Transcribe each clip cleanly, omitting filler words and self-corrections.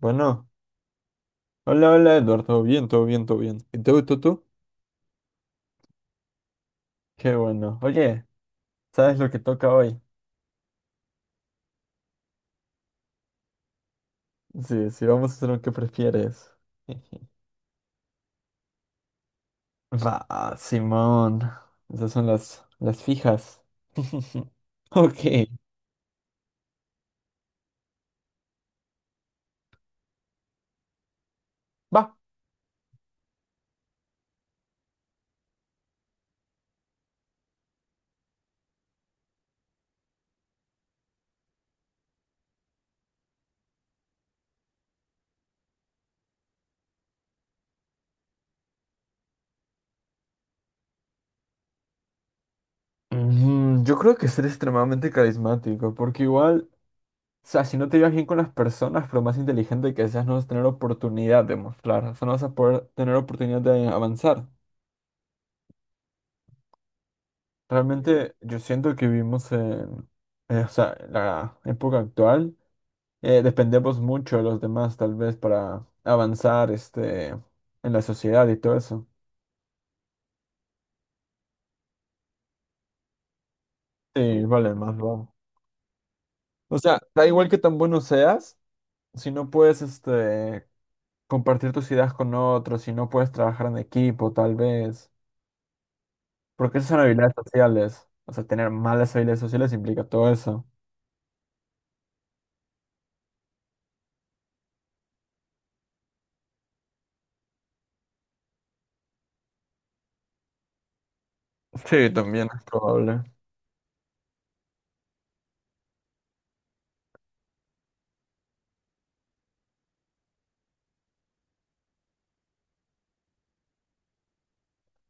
Bueno, hola, hola Eduardo, todo bien, todo bien, todo bien. ¿Y tú? Qué bueno. Oye, ¿sabes lo que toca hoy? Sí, sí, vamos a hacer lo que prefieres. Va, Simón. Esas son las fijas. Ok, va. Mm, yo creo que ser extremadamente carismático, porque igual, o sea, si no te llevas bien con las personas, pero más inteligente que seas, no vas a tener oportunidad de mostrar, o sea, no vas a poder tener oportunidad de avanzar. Realmente yo siento que vivimos en, o sea, en la época actual. Dependemos mucho de los demás tal vez para avanzar este, en la sociedad y todo eso. Sí, vale, más vale. O sea, da igual que tan bueno seas, si no puedes este, compartir tus ideas con otros, si no puedes trabajar en equipo tal vez, porque esas son habilidades sociales. O sea, tener malas habilidades sociales implica todo eso. Sí, también es probable.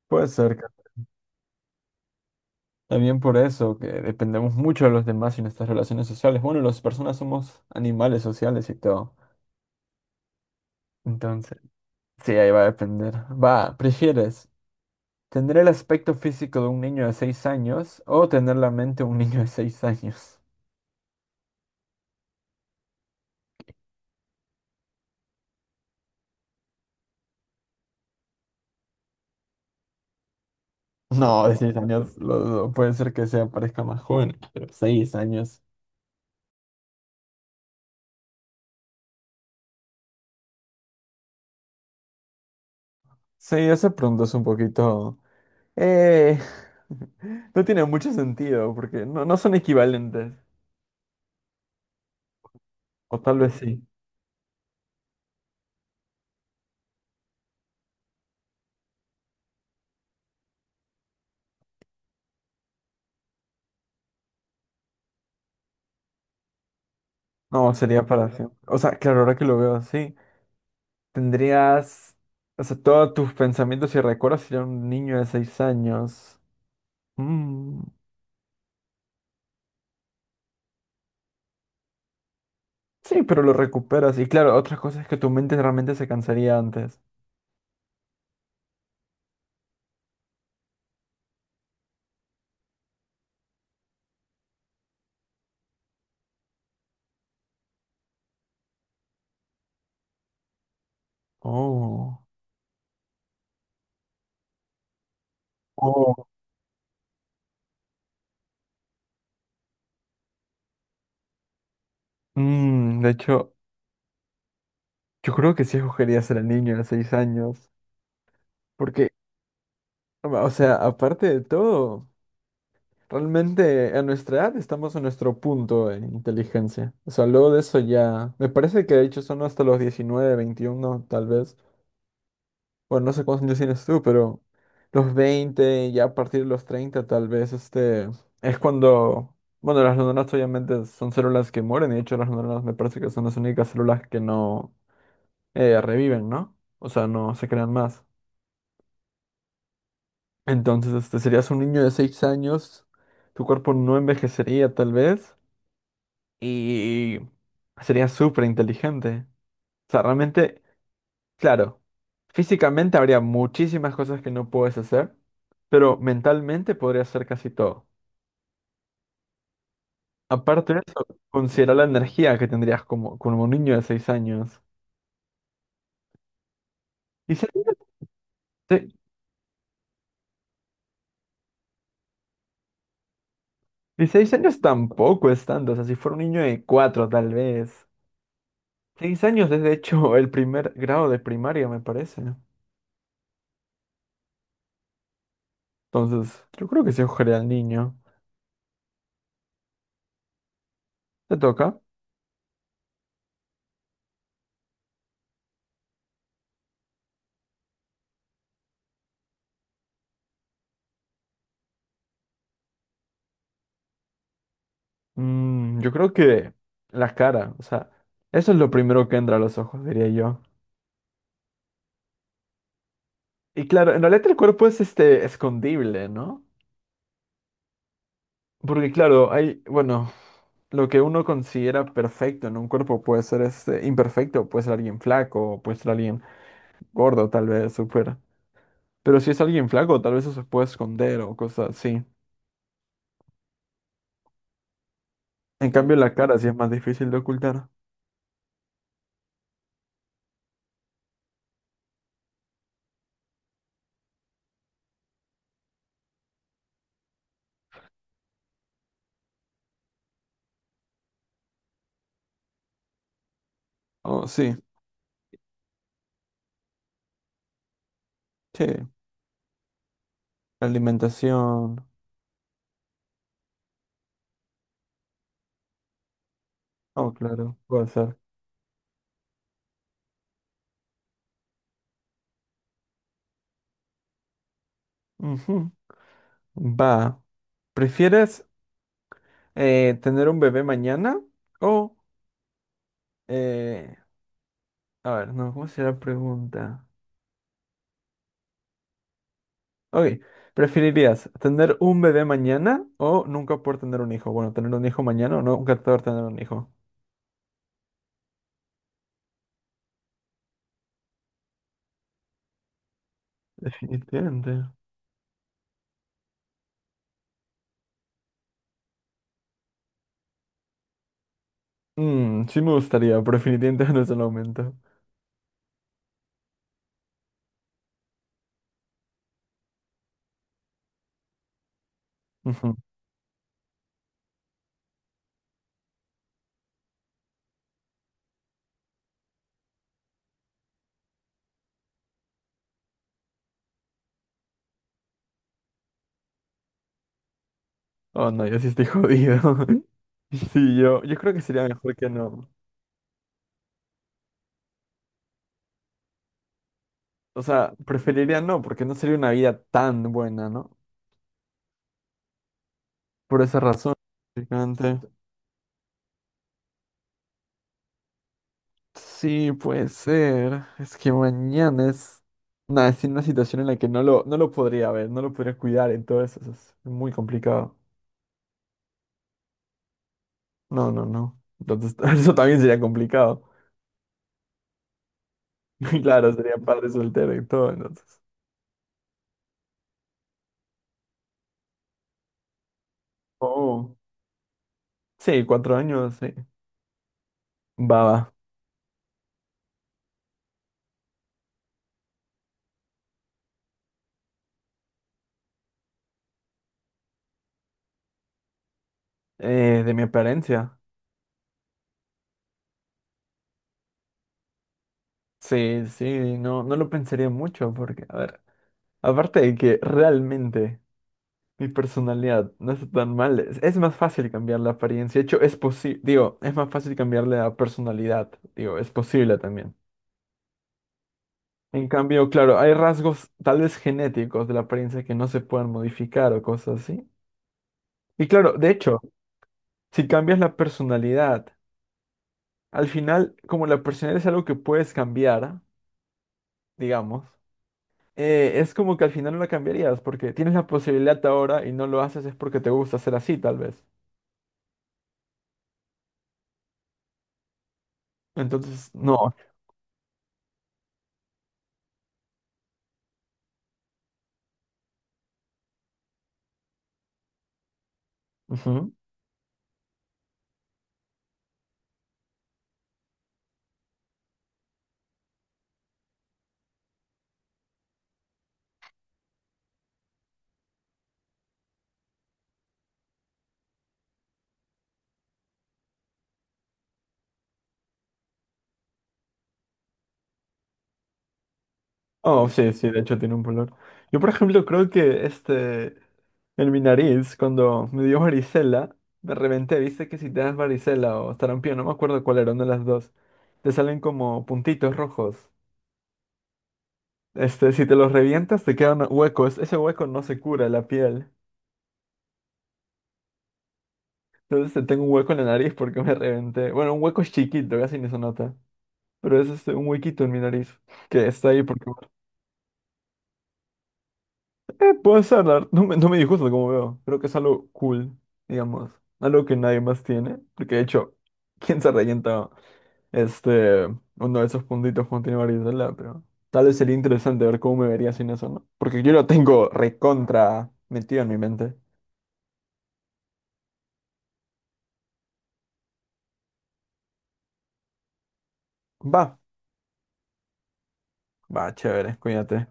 Puede ser. También por eso, que dependemos mucho de los demás y nuestras relaciones sociales. Bueno, las personas somos animales sociales y todo. Entonces, sí, ahí va a depender. Va, ¿prefieres tener el aspecto físico de un niño de 6 años o tener la mente de un niño de 6 años? No, de 6 años lo dudo. Puede ser que sea parezca más joven, pero 6 años. Sí, ese pronto es un poquito. Eh, no tiene mucho sentido porque no, no son equivalentes. O tal vez sí. No, sería para siempre. O sea, claro, ahora que lo veo así, tendrías, o sea, todos tus pensamientos y recuerdos serían un niño de 6 años. Mm, sí, pero lo recuperas. Y claro, otra cosa es que tu mente realmente se cansaría antes. Oh. Oh. Mm, de hecho, yo creo que sí escogería ser el niño de 6 años. Porque, o sea, aparte de todo. Realmente a nuestra edad estamos en nuestro punto en inteligencia. O sea, luego de eso ya. Me parece que de hecho son hasta los 19, 21, tal vez. Bueno, no sé cuántos años tienes tú, pero los 20 ya a partir de los 30, tal vez, este. Es cuando. Bueno, las neuronas obviamente son células que mueren. Y de hecho, las neuronas me parece que son las únicas células que no reviven, ¿no? O sea, no se crean más. Entonces, este, serías un niño de 6 años. Tu cuerpo no envejecería tal vez. Y sería súper inteligente. O sea, realmente, claro, físicamente habría muchísimas cosas que no puedes hacer, pero mentalmente podrías hacer casi todo. Aparte de eso, considera la energía que tendrías como un niño de 6 años. Y seis años y 6 años tampoco es tanto, o sea, si fuera un niño de 4 tal vez. 6 años es de hecho el primer grado de primaria, me parece. Entonces, yo creo que se ojaría al niño. ¿Te toca? Mm, yo creo que la cara, o sea, eso es lo primero que entra a los ojos, diría yo. Y claro, en realidad el cuerpo es este escondible, ¿no? Porque claro, hay, bueno, lo que uno considera perfecto en un cuerpo puede ser este imperfecto, puede ser alguien flaco, puede ser alguien gordo, tal vez, súper. Pero si es alguien flaco, tal vez eso se puede esconder o cosas así. En cambio, la cara sí es más difícil de ocultar. Oh, sí, sí. La alimentación. Oh, claro, puede ser. Ujú. Va. ¿Prefieres tener un bebé mañana o. eh, a ver, no, ¿cómo será la pregunta? Ok, ¿preferirías tener un bebé mañana o nunca poder tener un hijo? Bueno, tener un hijo mañana o nunca poder tener un hijo. Definitivamente. Mm, sí me gustaría, pero definitivamente no es el momento. Ujú. Oh, no, yo sí estoy jodido. Sí, yo creo que sería mejor que no. O sea, preferiría no, porque no sería una vida tan buena, ¿no? Por esa razón, gigante. Sí, puede ser. Es que mañana es, nada, es una situación en la que no lo podría ver, no lo podría cuidar, entonces es muy complicado. No, no, no. Entonces, eso también sería complicado. Y claro, sería padre soltero y todo, entonces. Oh. Sí, 4 años, sí. Va, va. De mi apariencia. Sí, sí, no, no lo pensaría mucho porque, a ver, aparte de que realmente mi personalidad no está tan mal. Es más fácil cambiar la apariencia. De hecho, es posible, digo, es más fácil cambiarle la personalidad. Digo, es posible también. En cambio, claro, hay rasgos tal vez genéticos de la apariencia que no se pueden modificar o cosas así. Y claro, de hecho, si cambias la personalidad, al final, como la personalidad es algo que puedes cambiar, digamos, es como que al final no la cambiarías porque tienes la posibilidad ahora y no lo haces es porque te gusta ser así, tal vez. Entonces, no. Ujú. Oh, sí, sí, de hecho tiene un color. Yo, por ejemplo, creo que este, en mi nariz, cuando me dio varicela, me reventé. Viste que si te das varicela o sarampión, no me acuerdo cuál era, una de las dos, te salen como puntitos rojos. Este, si te los revientas, te quedan huecos. Ese hueco no se cura la piel. Entonces tengo un hueco en la nariz porque me reventé. Bueno, un hueco es chiquito, casi ni se nota. Pero es este, un huequito en mi nariz que está ahí porque. Puede ser, la verdad, no me disgusta como veo. Creo que es algo cool, digamos. Algo que nadie más tiene. Porque de hecho, ¿quién se rellenta este, uno de esos puntitos cuando tiene varicela? Pero tal vez sería interesante ver cómo me vería sin eso, ¿no? Porque yo lo tengo recontra metido en mi mente. Va, va, chévere, cuídate.